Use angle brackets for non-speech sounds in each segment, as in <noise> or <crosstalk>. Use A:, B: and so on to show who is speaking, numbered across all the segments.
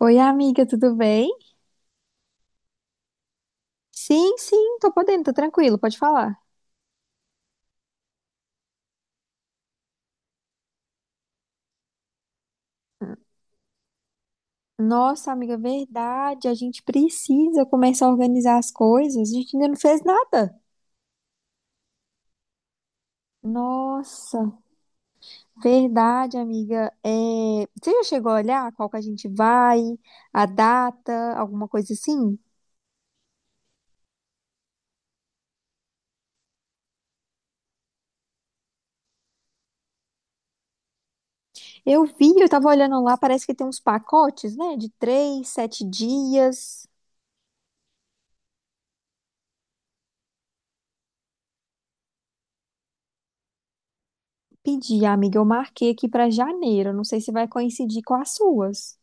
A: Oi, amiga, tudo bem? Sim, tô podendo, tô tranquilo, pode falar. Nossa, amiga, verdade, a gente precisa começar a organizar as coisas, a gente ainda não fez nada. Nossa, verdade, amiga. Você já chegou a olhar qual que a gente vai, a data, alguma coisa assim? Eu vi, eu tava olhando lá, parece que tem uns pacotes, né, de três, sete dias. Pedi, amiga, eu marquei aqui pra janeiro, não sei se vai coincidir com as suas.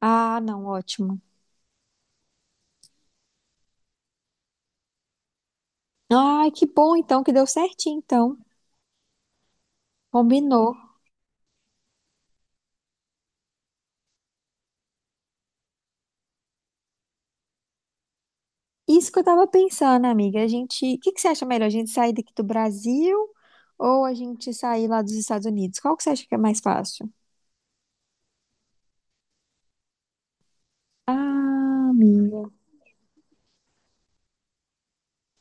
A: Ah, não, ótimo. Ai, que bom então, que deu certinho então. Combinou. Isso que eu tava pensando, amiga. A gente, o que que você acha melhor? A gente sair daqui do Brasil ou a gente sair lá dos Estados Unidos? Qual que você acha que é mais fácil? Ah, amiga.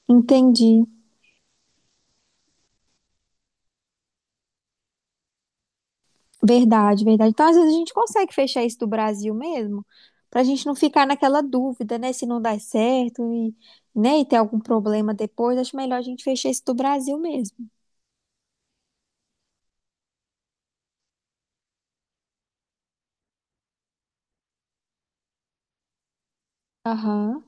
A: Entendi. Verdade, verdade. Então, às vezes a gente consegue fechar isso do Brasil mesmo, pra gente não ficar naquela dúvida, né, se não dá certo e, né, e ter algum problema depois. Acho melhor a gente fechar isso do Brasil mesmo. Aham.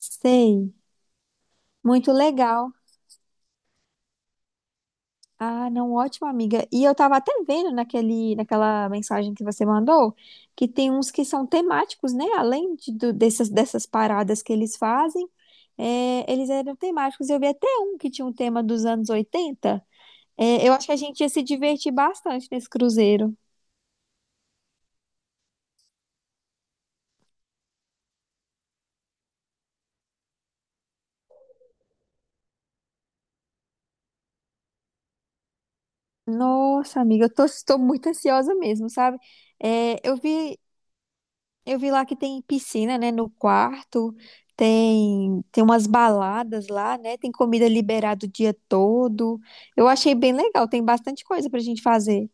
A: Sei. Muito legal. Ah, não, ótima amiga. E eu tava até vendo naquela mensagem que você mandou que tem uns que são temáticos, né? Além dessas paradas que eles fazem, eles eram temáticos. Eu vi até um que tinha um tema dos anos 80. É, eu acho que a gente ia se divertir bastante nesse cruzeiro. Nossa, amiga, estou muito ansiosa mesmo, sabe? É, eu vi. Eu vi lá que tem piscina, né, no quarto, tem umas baladas lá, né? Tem comida liberada o dia todo. Eu achei bem legal, tem bastante coisa pra gente fazer.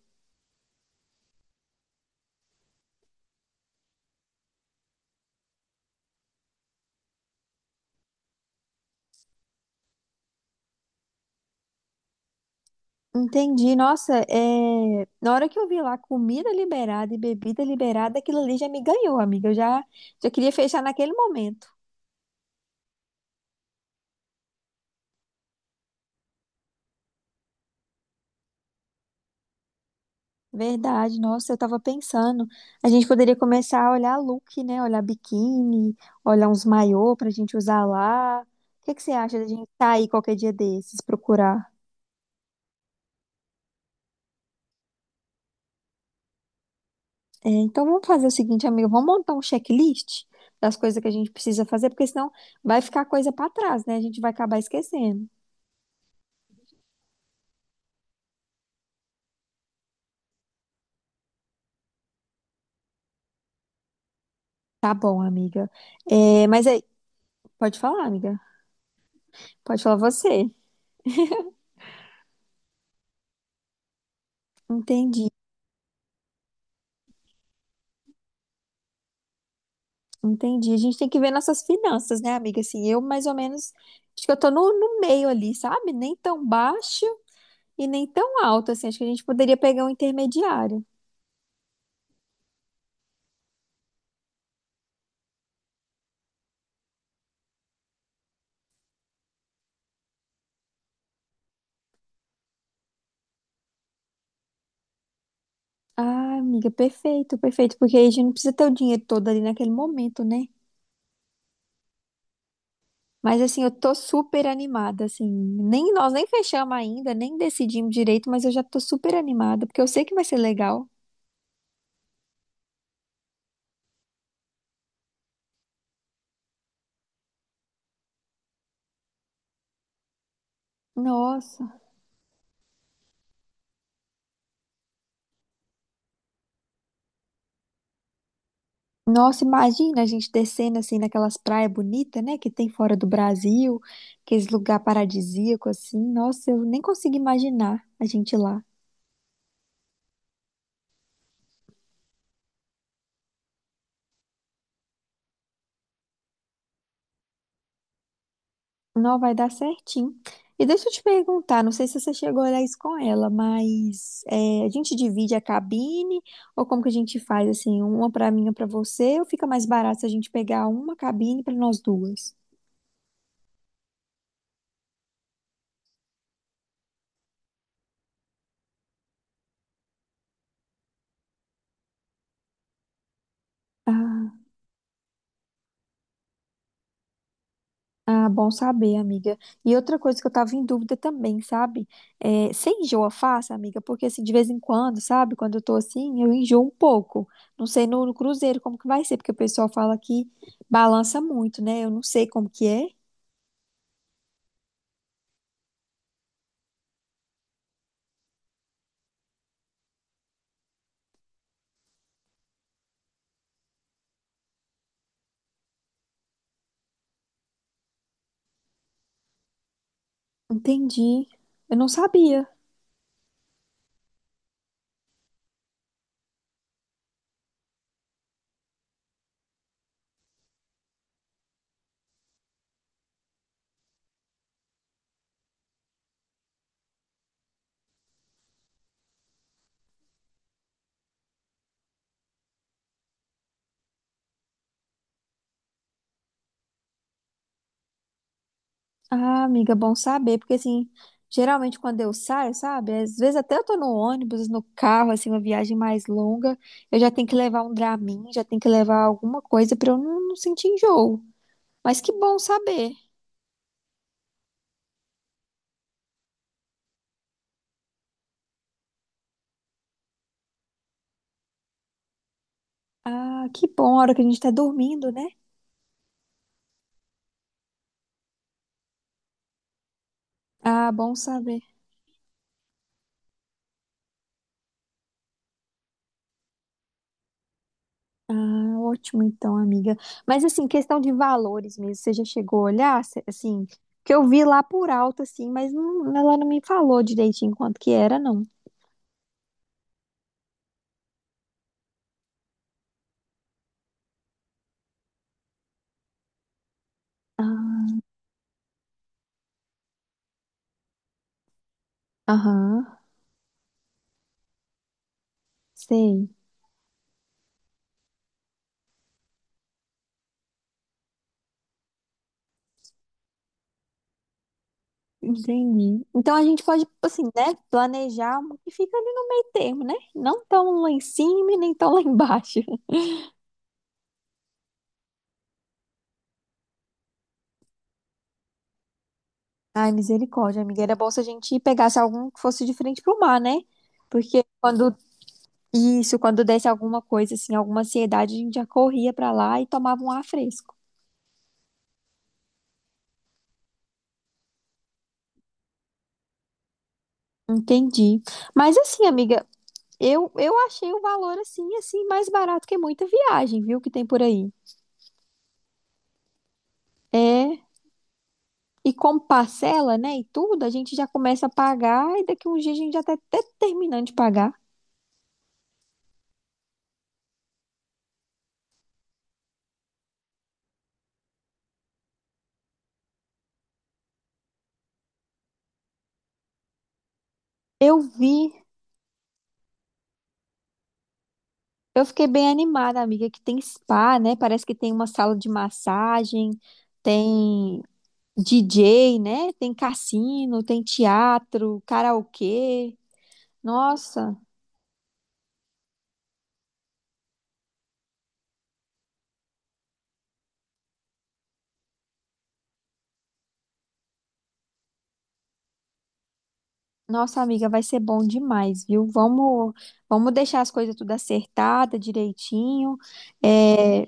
A: Entendi, nossa, é... na hora que eu vi lá comida liberada e bebida liberada, aquilo ali já me ganhou, amiga. Eu já queria fechar naquele momento. Verdade, nossa, eu tava pensando, a gente poderia começar a olhar look, né? Olhar biquíni, olhar uns maiô pra gente usar lá. O que que você acha da gente sair qualquer dia desses, procurar? É, então vamos fazer o seguinte, amigo, vamos montar um checklist das coisas que a gente precisa fazer, porque senão vai ficar coisa pra trás, né? A gente vai acabar esquecendo. Tá bom, amiga. É, mas aí, pode falar, amiga. Pode falar você. Entendi. Entendi. A gente tem que ver nossas finanças, né, amiga? Assim, eu mais ou menos, acho que eu tô no meio ali, sabe? Nem tão baixo e nem tão alto, assim. Acho que a gente poderia pegar um intermediário. Ah, amiga, perfeito, perfeito. Porque aí a gente não precisa ter o dinheiro todo ali naquele momento, né? Mas assim, eu tô super animada, assim. Nem nós nem fechamos ainda, nem decidimos direito, mas eu já tô super animada, porque eu sei que vai ser legal. Nossa. Nossa, imagina a gente descendo assim naquelas praias bonitas, né, que tem fora do Brasil, aqueles lugar paradisíaco assim. Nossa, eu nem consigo imaginar a gente lá. Não vai dar certinho. E deixa eu te perguntar, não sei se você chegou a olhar isso com ela, mas é, a gente divide a cabine ou como que a gente faz assim, uma pra mim, uma pra você, ou fica mais barato se a gente pegar uma cabine pra nós duas? Ah. Ah, bom saber, amiga. E outra coisa que eu tava em dúvida também, sabe? É, você enjoa fácil, amiga? Porque assim, de vez em quando, sabe? Quando eu tô assim, eu enjoo um pouco. Não sei no cruzeiro como que vai ser, porque o pessoal fala que balança muito, né? Eu não sei como que é. Entendi. Eu não sabia. Ah, amiga, bom saber, porque assim, geralmente quando eu saio, sabe? Às vezes até eu tô no ônibus, no carro, assim, uma viagem mais longa, eu já tenho que levar um Dramin, já tenho que levar alguma coisa pra eu não sentir enjoo. Mas que bom saber. Ah, que bom, a hora que a gente tá dormindo, né? Ah, bom saber. Ah, ótimo então, amiga. Mas assim, questão de valores mesmo, você já chegou a olhar, assim, que eu vi lá por alto, assim, mas ela não me falou direitinho quanto que era, não. Ah, aham, sei, entendi. Então a gente pode, assim, né, planejar um que fica ali no meio termo, né? Não tão lá em cima e nem tão lá <laughs> embaixo. Ai, misericórdia, amiga. Era bom se a gente pegasse algum que fosse de frente pro mar, né? Porque quando Isso, quando desse alguma coisa, assim, alguma ansiedade, a gente já corria pra lá e tomava um ar fresco. Entendi. Mas assim, amiga, eu achei o valor assim, mais barato que muita viagem, viu, que tem por aí. É. E como parcela, né, e tudo, a gente já começa a pagar e daqui uns dias a gente já tá até terminando de pagar. Eu vi. Eu fiquei bem animada, amiga, que tem spa, né? Parece que tem uma sala de massagem, tem DJ, né? Tem cassino, tem teatro, karaokê. Nossa, nossa amiga, vai ser bom demais, viu? Vamos, vamos deixar as coisas tudo acertada, direitinho. É,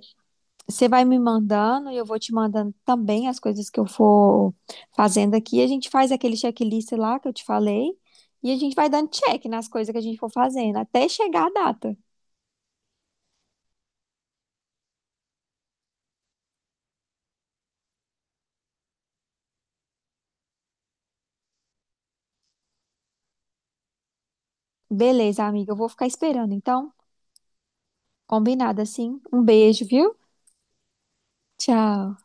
A: Você vai me mandando e eu vou te mandando também as coisas que eu for fazendo aqui. A gente faz aquele checklist lá que eu te falei e a gente vai dando check nas coisas que a gente for fazendo até chegar a data. Beleza, amiga, eu vou ficar esperando. Então, combinado assim. Um beijo, viu? Tchau.